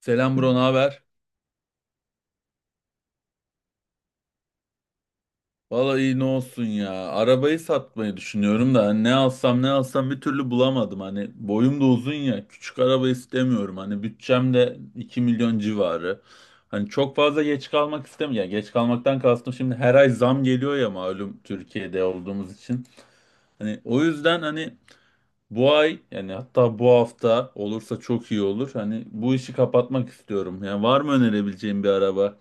Selam bro, ne haber? Vallahi iyi ne olsun ya. Arabayı satmayı düşünüyorum da hani ne alsam ne alsam bir türlü bulamadım. Hani boyum da uzun ya. Küçük araba istemiyorum. Hani bütçem de 2 milyon civarı. Hani çok fazla geç kalmak istemiyorum. Yani geç kalmaktan kastım şimdi her ay zam geliyor ya malum Türkiye'de olduğumuz için. Hani o yüzden hani bu ay yani hatta bu hafta olursa çok iyi olur. Hani bu işi kapatmak istiyorum. Yani var mı önerebileceğim bir araba?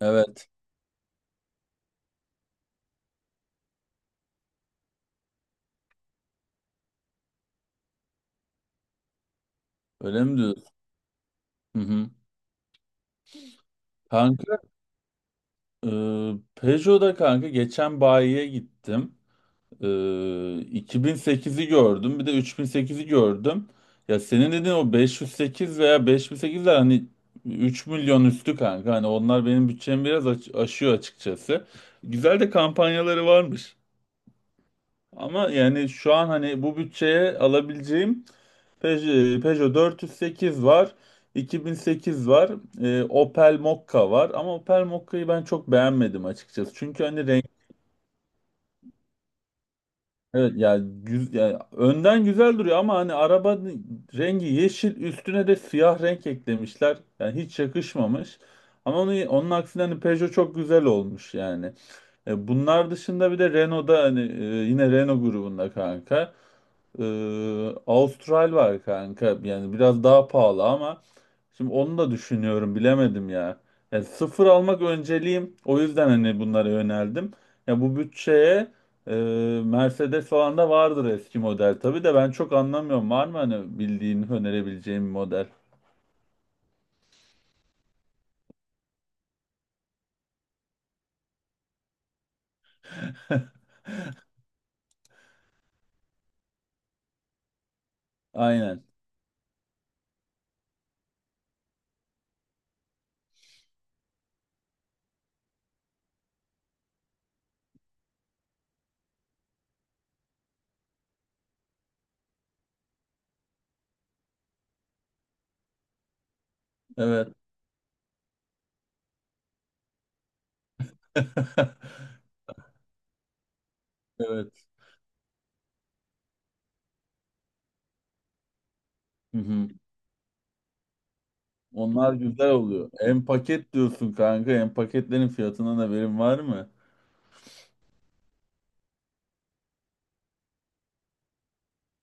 Evet. Öyle mi diyorsun? Hı hı. Peugeot'da kanka geçen bayiye gittim. Ee, 2008'i gördüm. Bir de 3008'i gördüm. Ya senin dediğin o 508 veya 5008'ler hani 3 milyon üstü kanka. Hani onlar benim bütçemi biraz aşıyor açıkçası. Güzel de kampanyaları varmış. Ama yani şu an hani bu bütçeye alabileceğim Peugeot 408 var, 2008 var, Opel Mokka var. Ama Opel Mokka'yı ben çok beğenmedim açıkçası. Çünkü hani renk evet yani, yani önden güzel duruyor ama hani araba rengi yeşil üstüne de siyah renk eklemişler. Yani hiç yakışmamış. Ama onun aksine hani Peugeot çok güzel olmuş yani. Bunlar dışında bir de Renault'da hani yine Renault grubunda kanka. Austral var kanka. Yani biraz daha pahalı ama şimdi onu da düşünüyorum bilemedim ya. Yani sıfır almak önceliğim. O yüzden hani bunlara yöneldim. Ya bu bütçeye e, Mercedes falan da vardır eski model. Tabii de ben çok anlamıyorum. Var mı hani bildiğin önerebileceğim bir model? Aynen. Evet. Evet. Hı hı. Onlar güzel oluyor. En paket diyorsun kanka. En paketlerin fiyatından haberin var mı?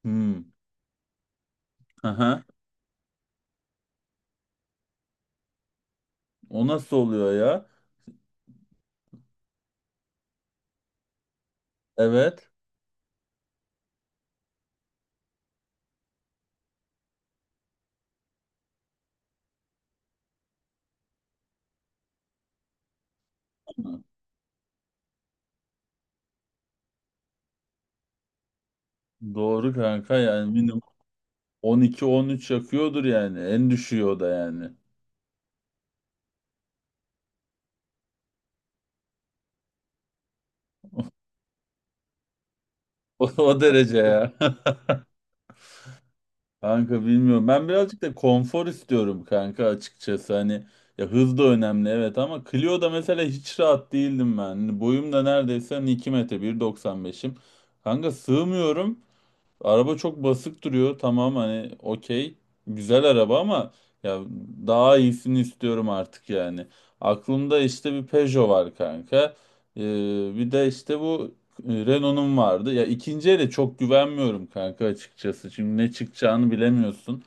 Hmm. Aha. O nasıl oluyor ya? Evet. Doğru kanka yani minimum 12-13 yakıyordur yani. En düşüğü o da yani. O derece ya. Kanka bilmiyorum. Ben birazcık da konfor istiyorum kanka açıkçası. Hani ya hız da önemli evet ama Clio'da mesela hiç rahat değildim ben. Hani boyum da neredeyse hani 2 metre 1,95'im. Kanka sığmıyorum. Araba çok basık duruyor. Tamam hani okey. Güzel araba ama ya daha iyisini istiyorum artık yani. Aklımda işte bir Peugeot var kanka. Ee, Bir de işte bu Renault'un vardı. Ya ikinci ele çok güvenmiyorum kanka açıkçası. Şimdi ne çıkacağını bilemiyorsun.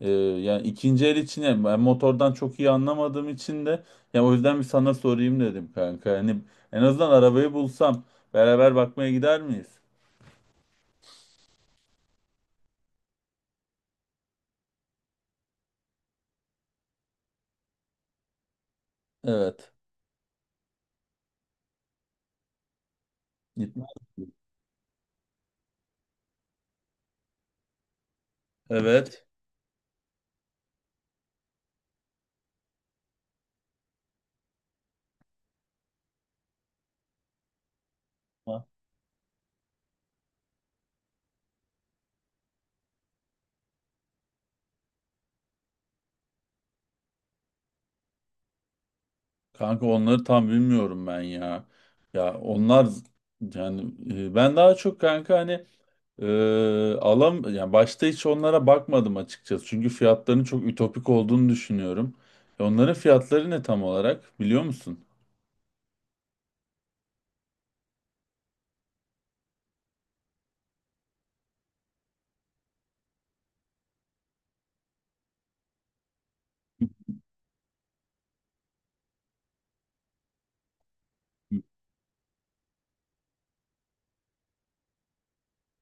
Yani ikinci el için yani ben motordan çok iyi anlamadığım için de ya o yüzden bir sana sorayım dedim kanka. Hani en azından arabayı bulsam beraber bakmaya gider miyiz? Evet. Git- Evet. Kanka onları tam bilmiyorum ben ya. Ya onlar yani ben daha çok kanka hani e, alam yani başta hiç onlara bakmadım açıkçası. Çünkü fiyatlarının çok ütopik olduğunu düşünüyorum. Onların fiyatları ne tam olarak biliyor musun?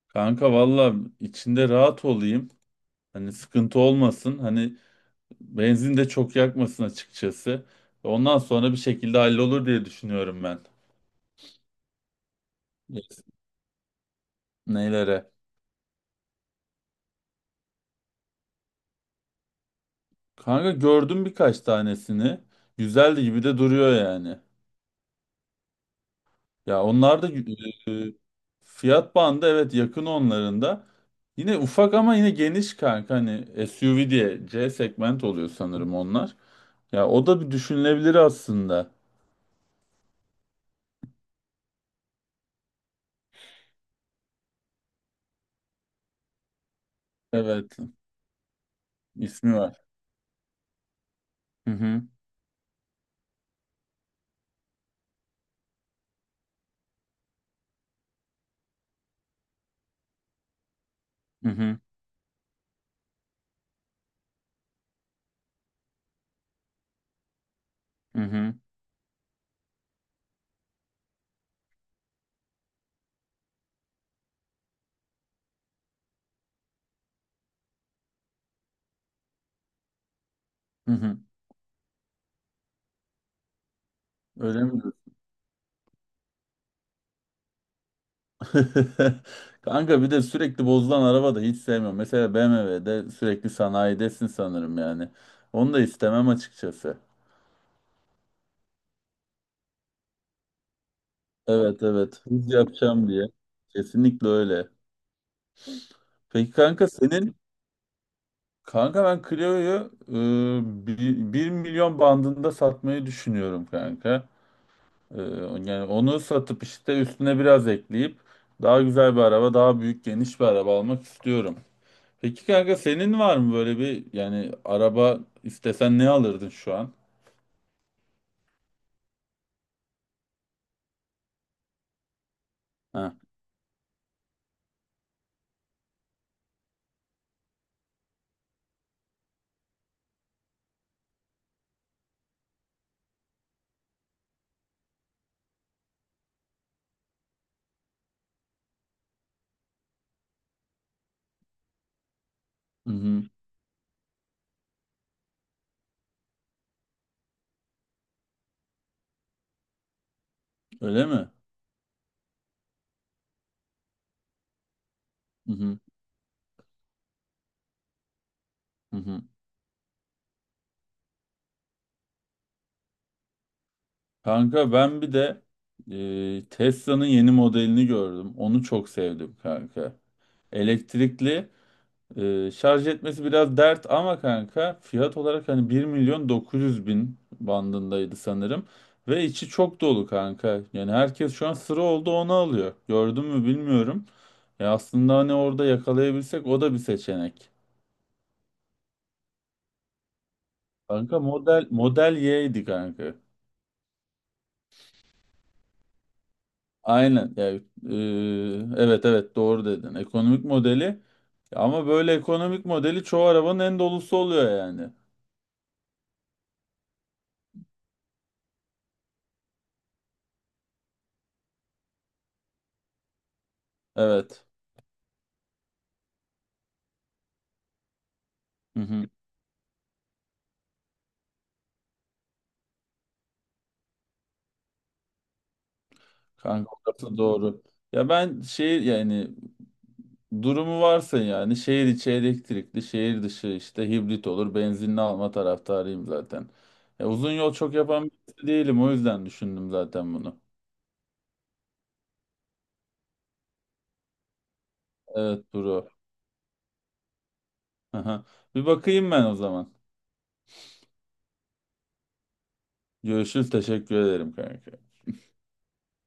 Kanka valla içinde rahat olayım. Hani sıkıntı olmasın. Hani benzin de çok yakmasın açıkçası. Ondan sonra bir şekilde hallolur diye düşünüyorum ben. Neylere? Kanka gördüm birkaç tanesini. Güzeldi gibi de duruyor yani. Ya onlar da e, fiyat bandı evet yakın onların da. Yine ufak ama yine geniş kanka hani SUV diye C segment oluyor sanırım onlar. Ya o da bir düşünülebilir aslında. Evet, ismi var. Hı hı hı hı hı hı. Hı hı. Öyle mi? Kanka bir de sürekli bozulan araba da hiç sevmiyorum. Mesela BMW'de sürekli sanayidesin sanırım yani. Onu da istemem açıkçası. Evet evet, hız yapacağım diye. Kesinlikle öyle. Peki kanka senin? Kanka ben Clio'yu milyon bandında satmayı düşünüyorum kanka. E, Yani onu satıp işte üstüne biraz ekleyip daha güzel bir araba, daha büyük geniş bir araba almak istiyorum. Peki kanka senin var mı böyle bir yani araba istesen ne alırdın şu an? Ha. Hı hı. Öyle mi? Hı hı. Hı hı. Kanka ben bir de Tesla'nın yeni modelini gördüm. Onu çok sevdim kanka. Elektrikli. Şarj etmesi biraz dert ama kanka fiyat olarak hani 1 milyon 900 bin bandındaydı sanırım. Ve içi çok dolu kanka. Yani herkes şu an sıra oldu onu alıyor. Gördün mü bilmiyorum. Ya aslında hani orada yakalayabilsek o da bir seçenek. Kanka model Y'ydi kanka. Aynen. Yani, evet evet doğru dedin. Ekonomik modeli. Ama böyle ekonomik modeli çoğu arabanın en dolusu oluyor yani. Evet. Hı hı. Kanka orası doğru. Ya ben şehir yani durumu varsa yani şehir içi elektrikli, şehir dışı işte hibrit olur. Benzinli alma taraftarıyım zaten. Ya uzun yol çok yapan birisi değilim o yüzden düşündüm zaten bunu. Evet Duru. Aha. Bir bakayım ben o zaman. Görüşürüz. Teşekkür ederim kanka.